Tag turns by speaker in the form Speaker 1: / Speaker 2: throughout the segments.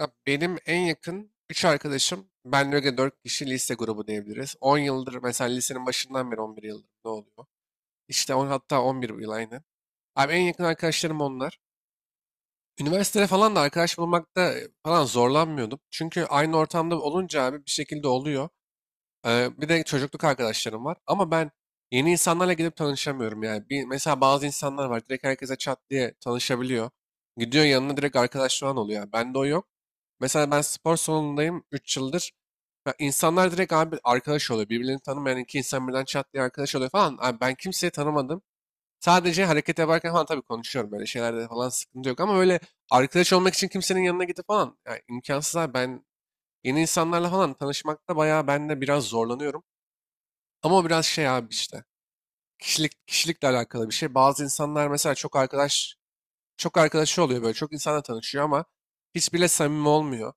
Speaker 1: Ya benim en yakın 3 arkadaşım, benle öyle 4 kişi lise grubu diyebiliriz. 10 yıldır mesela lisenin başından beri 11 yıldır ne oluyor? İşte 10 hatta 11 yıl aynı. Abi en yakın arkadaşlarım onlar. Üniversitede falan da arkadaş bulmakta falan zorlanmıyordum. Çünkü aynı ortamda olunca abi bir şekilde oluyor. Bir de çocukluk arkadaşlarım var. Ama ben yeni insanlarla gidip tanışamıyorum yani. Bir, mesela bazı insanlar var direkt herkese çat diye tanışabiliyor. Gidiyor yanına direkt arkadaş falan oluyor. Bende o yok. Mesela ben spor salonundayım 3 yıldır. Ya İnsanlar direkt abi arkadaş oluyor. Birbirlerini tanımayan iki insan birden çat diye arkadaş oluyor falan. Abi ben kimseyi tanımadım. Sadece hareket yaparken falan tabii konuşuyorum. Böyle şeylerde falan sıkıntı yok. Ama öyle arkadaş olmak için kimsenin yanına gidip falan. Yani imkansız abi, ben yeni insanlarla falan tanışmakta bayağı ben de biraz zorlanıyorum. Ama o biraz şey abi işte. Kişilik, kişilikle alakalı bir şey. Bazı insanlar mesela çok arkadaş, çok arkadaşı oluyor böyle. Çok insanla tanışıyor ama hiçbiriyle samimi olmuyor.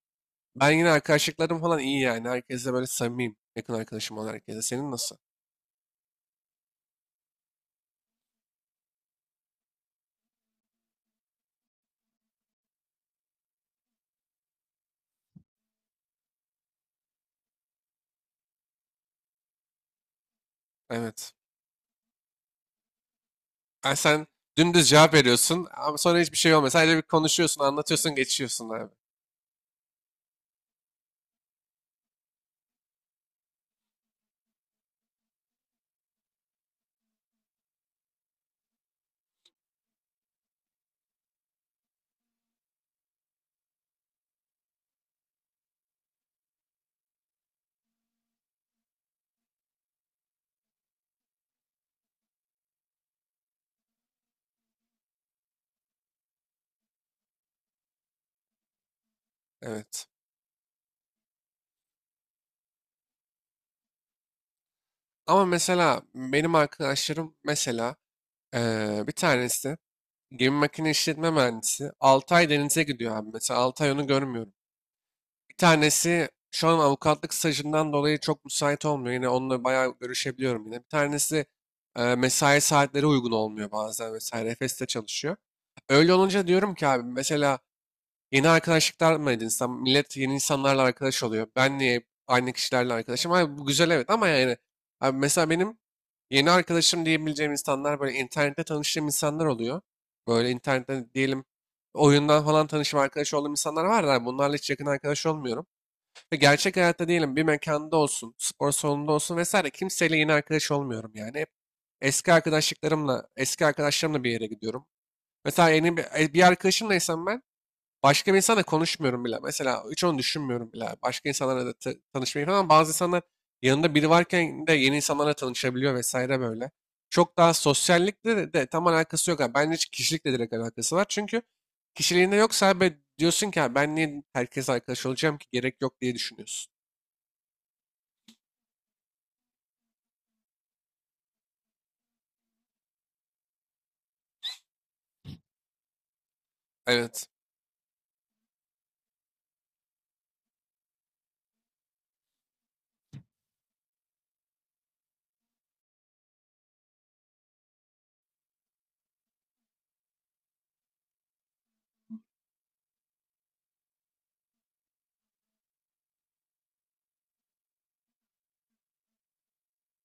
Speaker 1: Ben yine arkadaşlıklarım falan iyi yani. Herkesle böyle samimiyim. Yakın arkadaşım olan herkese. Senin nasıl? Evet. Yani sen dümdüz cevap veriyorsun ama sonra hiçbir şey olmuyor. Sadece bir konuşuyorsun, anlatıyorsun, geçiyorsun abi. Evet. Ama mesela benim arkadaşlarım mesela bir tanesi gemi makine işletme mühendisi 6 ay denize gidiyor abi. Mesela 6 ay onu görmüyorum. Bir tanesi şu an avukatlık stajından dolayı çok müsait olmuyor. Yine onunla bayağı görüşebiliyorum yine. Bir tanesi mesai saatleri uygun olmuyor bazen vesaire. Efes'te çalışıyor. Öyle olunca diyorum ki abi mesela yeni arkadaşlıklar mı edinsem? Millet yeni insanlarla arkadaş oluyor. Ben niye aynı kişilerle arkadaşım? Abi bu güzel evet, ama yani abi mesela benim yeni arkadaşım diyebileceğim insanlar böyle internette tanıştığım insanlar oluyor. Böyle internetten diyelim oyundan falan tanışıp arkadaş olduğum insanlar var da bunlarla hiç yakın arkadaş olmuyorum. Ve gerçek hayatta diyelim bir mekanda olsun, spor salonunda olsun vesaire kimseyle yeni arkadaş olmuyorum yani. Hep eski arkadaşlıklarımla, eski arkadaşlarımla bir yere gidiyorum. Mesela yeni bir arkadaşımlaysam ben başka bir insanla konuşmuyorum bile. Mesela hiç onu düşünmüyorum bile. Başka insanlarla da tanışmayı falan. Bazı insanlar yanında biri varken de yeni insanlarla tanışabiliyor vesaire böyle. Çok daha sosyallikle de tam alakası yok abi. Bence kişilikle direkt alakası var. Çünkü kişiliğinde yoksa abi diyorsun ki: "Ha, ben niye herkes arkadaş olacağım ki, gerek yok," diye düşünüyorsun. Evet.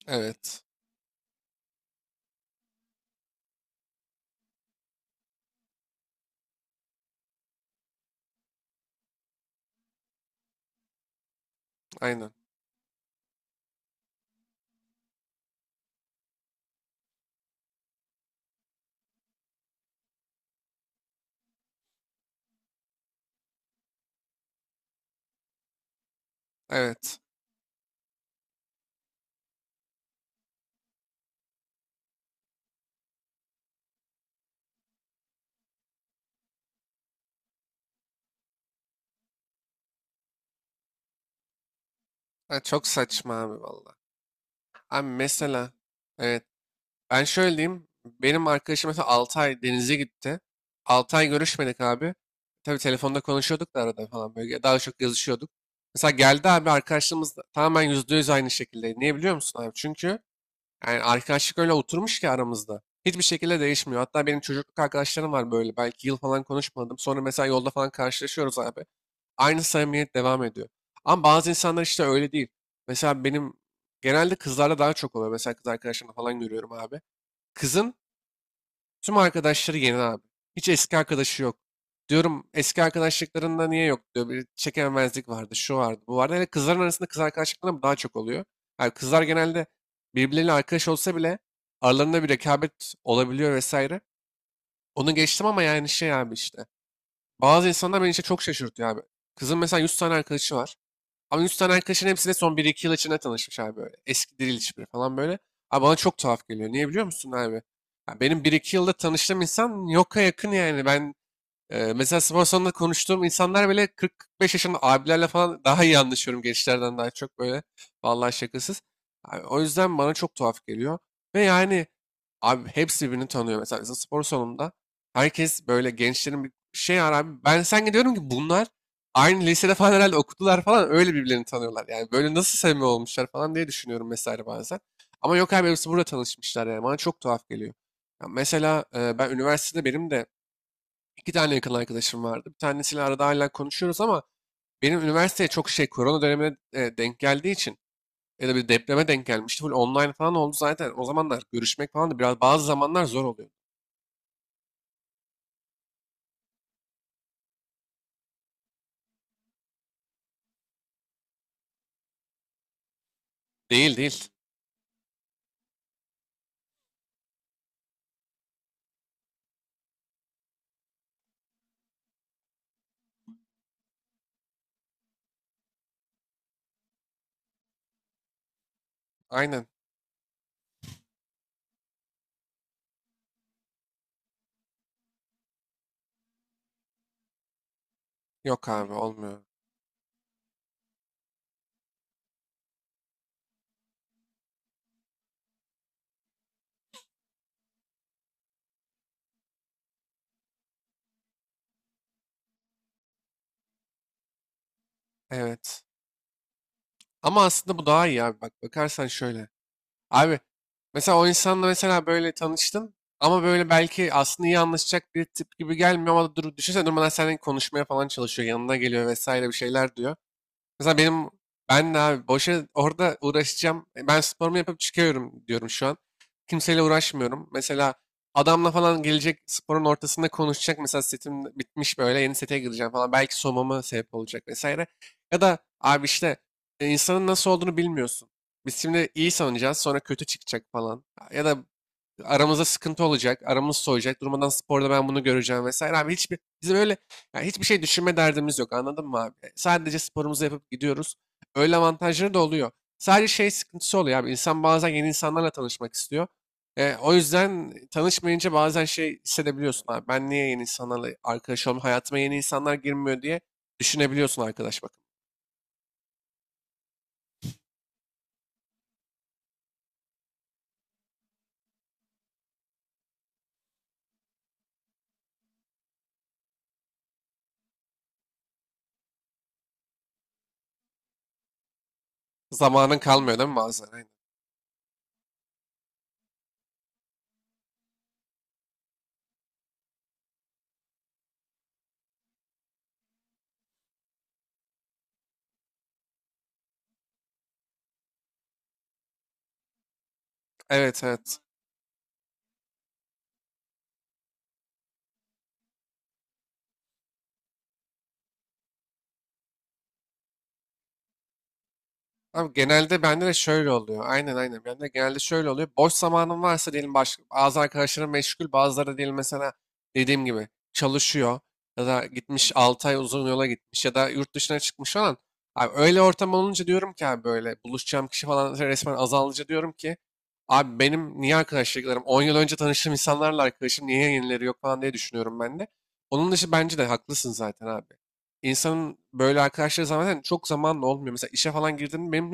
Speaker 1: Evet. Aynen. Evet. Ha, çok saçma abi valla. Abi mesela, evet, ben şöyle diyeyim. Benim arkadaşım mesela 6 ay denize gitti. 6 ay görüşmedik abi. Tabii telefonda konuşuyorduk da arada falan, böyle daha çok yazışıyorduk. Mesela geldi abi arkadaşlığımız da tamamen %100 aynı şekilde. Niye biliyor musun abi? Çünkü yani arkadaşlık öyle oturmuş ki aramızda. Hiçbir şekilde değişmiyor. Hatta benim çocukluk arkadaşlarım var böyle. Belki yıl falan konuşmadım. Sonra mesela yolda falan karşılaşıyoruz abi. Aynı samimiyet devam ediyor. Ama bazı insanlar işte öyle değil. Mesela benim genelde kızlarda daha çok oluyor. Mesela kız arkadaşlarımla falan görüyorum abi. Kızın tüm arkadaşları yeni abi. Hiç eski arkadaşı yok. Diyorum eski arkadaşlıklarında niye yok diyor. Bir çekememezlik vardı, şu vardı, bu vardı. Hele kızların arasında kız arkadaşlıkları mı daha çok oluyor. Yani kızlar genelde birbirleriyle arkadaş olsa bile aralarında bir rekabet olabiliyor vesaire. Onu geçtim ama yani şey abi işte. Bazı insanlar beni işte çok şaşırtıyor abi. Kızın mesela 100 tane arkadaşı var. Ama 100 tane arkadaşın hepsine son bir iki yıl içinde tanışmış abi böyle. Eski değil hiçbiri falan böyle. Abi bana çok tuhaf geliyor. Niye biliyor musun abi? Ya benim bir iki yılda tanıştığım insan yoka yakın yani. Ben mesela spor salonunda konuştuğum insanlar bile 40-45 yaşında abilerle falan daha iyi anlaşıyorum gençlerden daha çok böyle. Vallahi şakasız. Abi, o yüzden bana çok tuhaf geliyor. Ve yani abi hepsi birbirini tanıyor. Mesela, bizim spor salonunda herkes böyle gençlerin bir şey var abi. Ben sen gidiyorum ki bunlar aynı lisede falan herhalde okudular falan, öyle birbirlerini tanıyorlar. Yani böyle nasıl samimi olmuşlar falan diye düşünüyorum mesela bazen. Ama yok abi hepsi burada tanışmışlar yani bana çok tuhaf geliyor. Ya mesela, ben üniversitede, benim de İki tane yakın arkadaşım vardı. Bir tanesiyle arada hala konuşuyoruz ama benim üniversiteye çok şey korona dönemine denk geldiği için ya da bir depreme denk gelmişti. Full online falan oldu zaten. O zamanlar görüşmek falan da biraz bazı zamanlar zor oluyor. Değil değil. Aynen. Yok abi olmuyor. Evet. Ama aslında bu daha iyi abi. Bak bakarsan şöyle. Abi mesela o insanla mesela böyle tanıştın ama böyle belki aslında iyi anlaşacak bir tip gibi gelmiyor, ama dur, düşünsene durmadan seninle konuşmaya falan çalışıyor. Yanına geliyor vesaire, bir şeyler diyor. Mesela benim, ben de abi boşa orada uğraşacağım. Ben sporumu yapıp çıkıyorum diyorum şu an. Kimseyle uğraşmıyorum. Mesela adamla falan gelecek sporun ortasında konuşacak. Mesela setim bitmiş böyle yeni sete gireceğim falan. Belki soğumama sebep olacak vesaire. Ya da abi işte insanın nasıl olduğunu bilmiyorsun. Biz şimdi iyi sanacağız, sonra kötü çıkacak falan. Ya da aramızda sıkıntı olacak, aramız soğuyacak. Durmadan sporda ben bunu göreceğim vesaire. Abi hiçbir bizim öyle yani hiçbir şey düşünme derdimiz yok. Anladın mı abi? Sadece sporumuzu yapıp gidiyoruz. Öyle avantajları da oluyor. Sadece şey sıkıntısı oluyor abi. İnsan bazen yeni insanlarla tanışmak istiyor. O yüzden tanışmayınca bazen şey hissedebiliyorsun abi. Ben niye yeni insanlarla arkadaş olmuyorum? Hayatıma yeni insanlar girmiyor diye düşünebiliyorsun arkadaş bakın. Zamanın kalmıyor değil mi bazen? Aynen. Evet, evet. Abi genelde bende de şöyle oluyor. Aynen, aynen. Bende genelde şöyle oluyor. Boş zamanım varsa diyelim, bazı arkadaşlarım meşgul, bazıları diyelim mesela dediğim gibi çalışıyor ya da gitmiş 6 ay uzun yola gitmiş ya da yurt dışına çıkmış falan. Abi öyle ortam olunca diyorum ki abi böyle buluşacağım kişi falan resmen azalınca diyorum ki abi benim niye arkadaşlıklarım 10 yıl önce tanıştığım insanlarla arkadaşım, niye yenileri yok falan diye düşünüyorum ben de. Onun dışı bence de haklısın zaten abi. İnsanın böyle arkadaşları zaten çok zamanla olmuyor. Mesela işe falan girdim, benim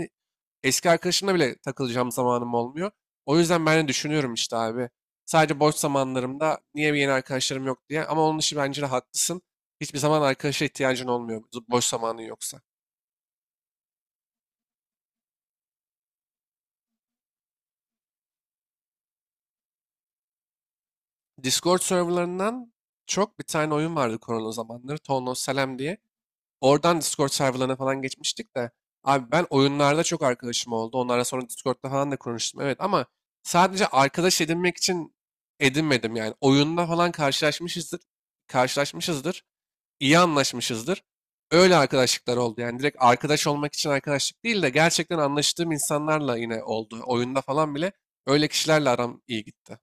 Speaker 1: eski arkadaşımla bile takılacağım zamanım olmuyor. O yüzden ben de düşünüyorum işte abi. Sadece boş zamanlarımda niye bir yeni arkadaşlarım yok diye. Ama onun için bence de haklısın. Hiçbir zaman arkadaşa ihtiyacın olmuyor boş zamanın yoksa. Discord serverlarından çok bir tane oyun vardı korona zamanları. Town of Salem diye. Oradan Discord serverlarına falan geçmiştik de. Abi ben oyunlarda çok arkadaşım oldu. Onlarla sonra Discord'da falan da konuştum. Evet ama sadece arkadaş edinmek için edinmedim yani. Oyunda falan karşılaşmışızdır. Karşılaşmışızdır. İyi anlaşmışızdır. Öyle arkadaşlıklar oldu. Yani direkt arkadaş olmak için arkadaşlık değil de gerçekten anlaştığım insanlarla yine oldu. Oyunda falan bile öyle kişilerle aram iyi gitti.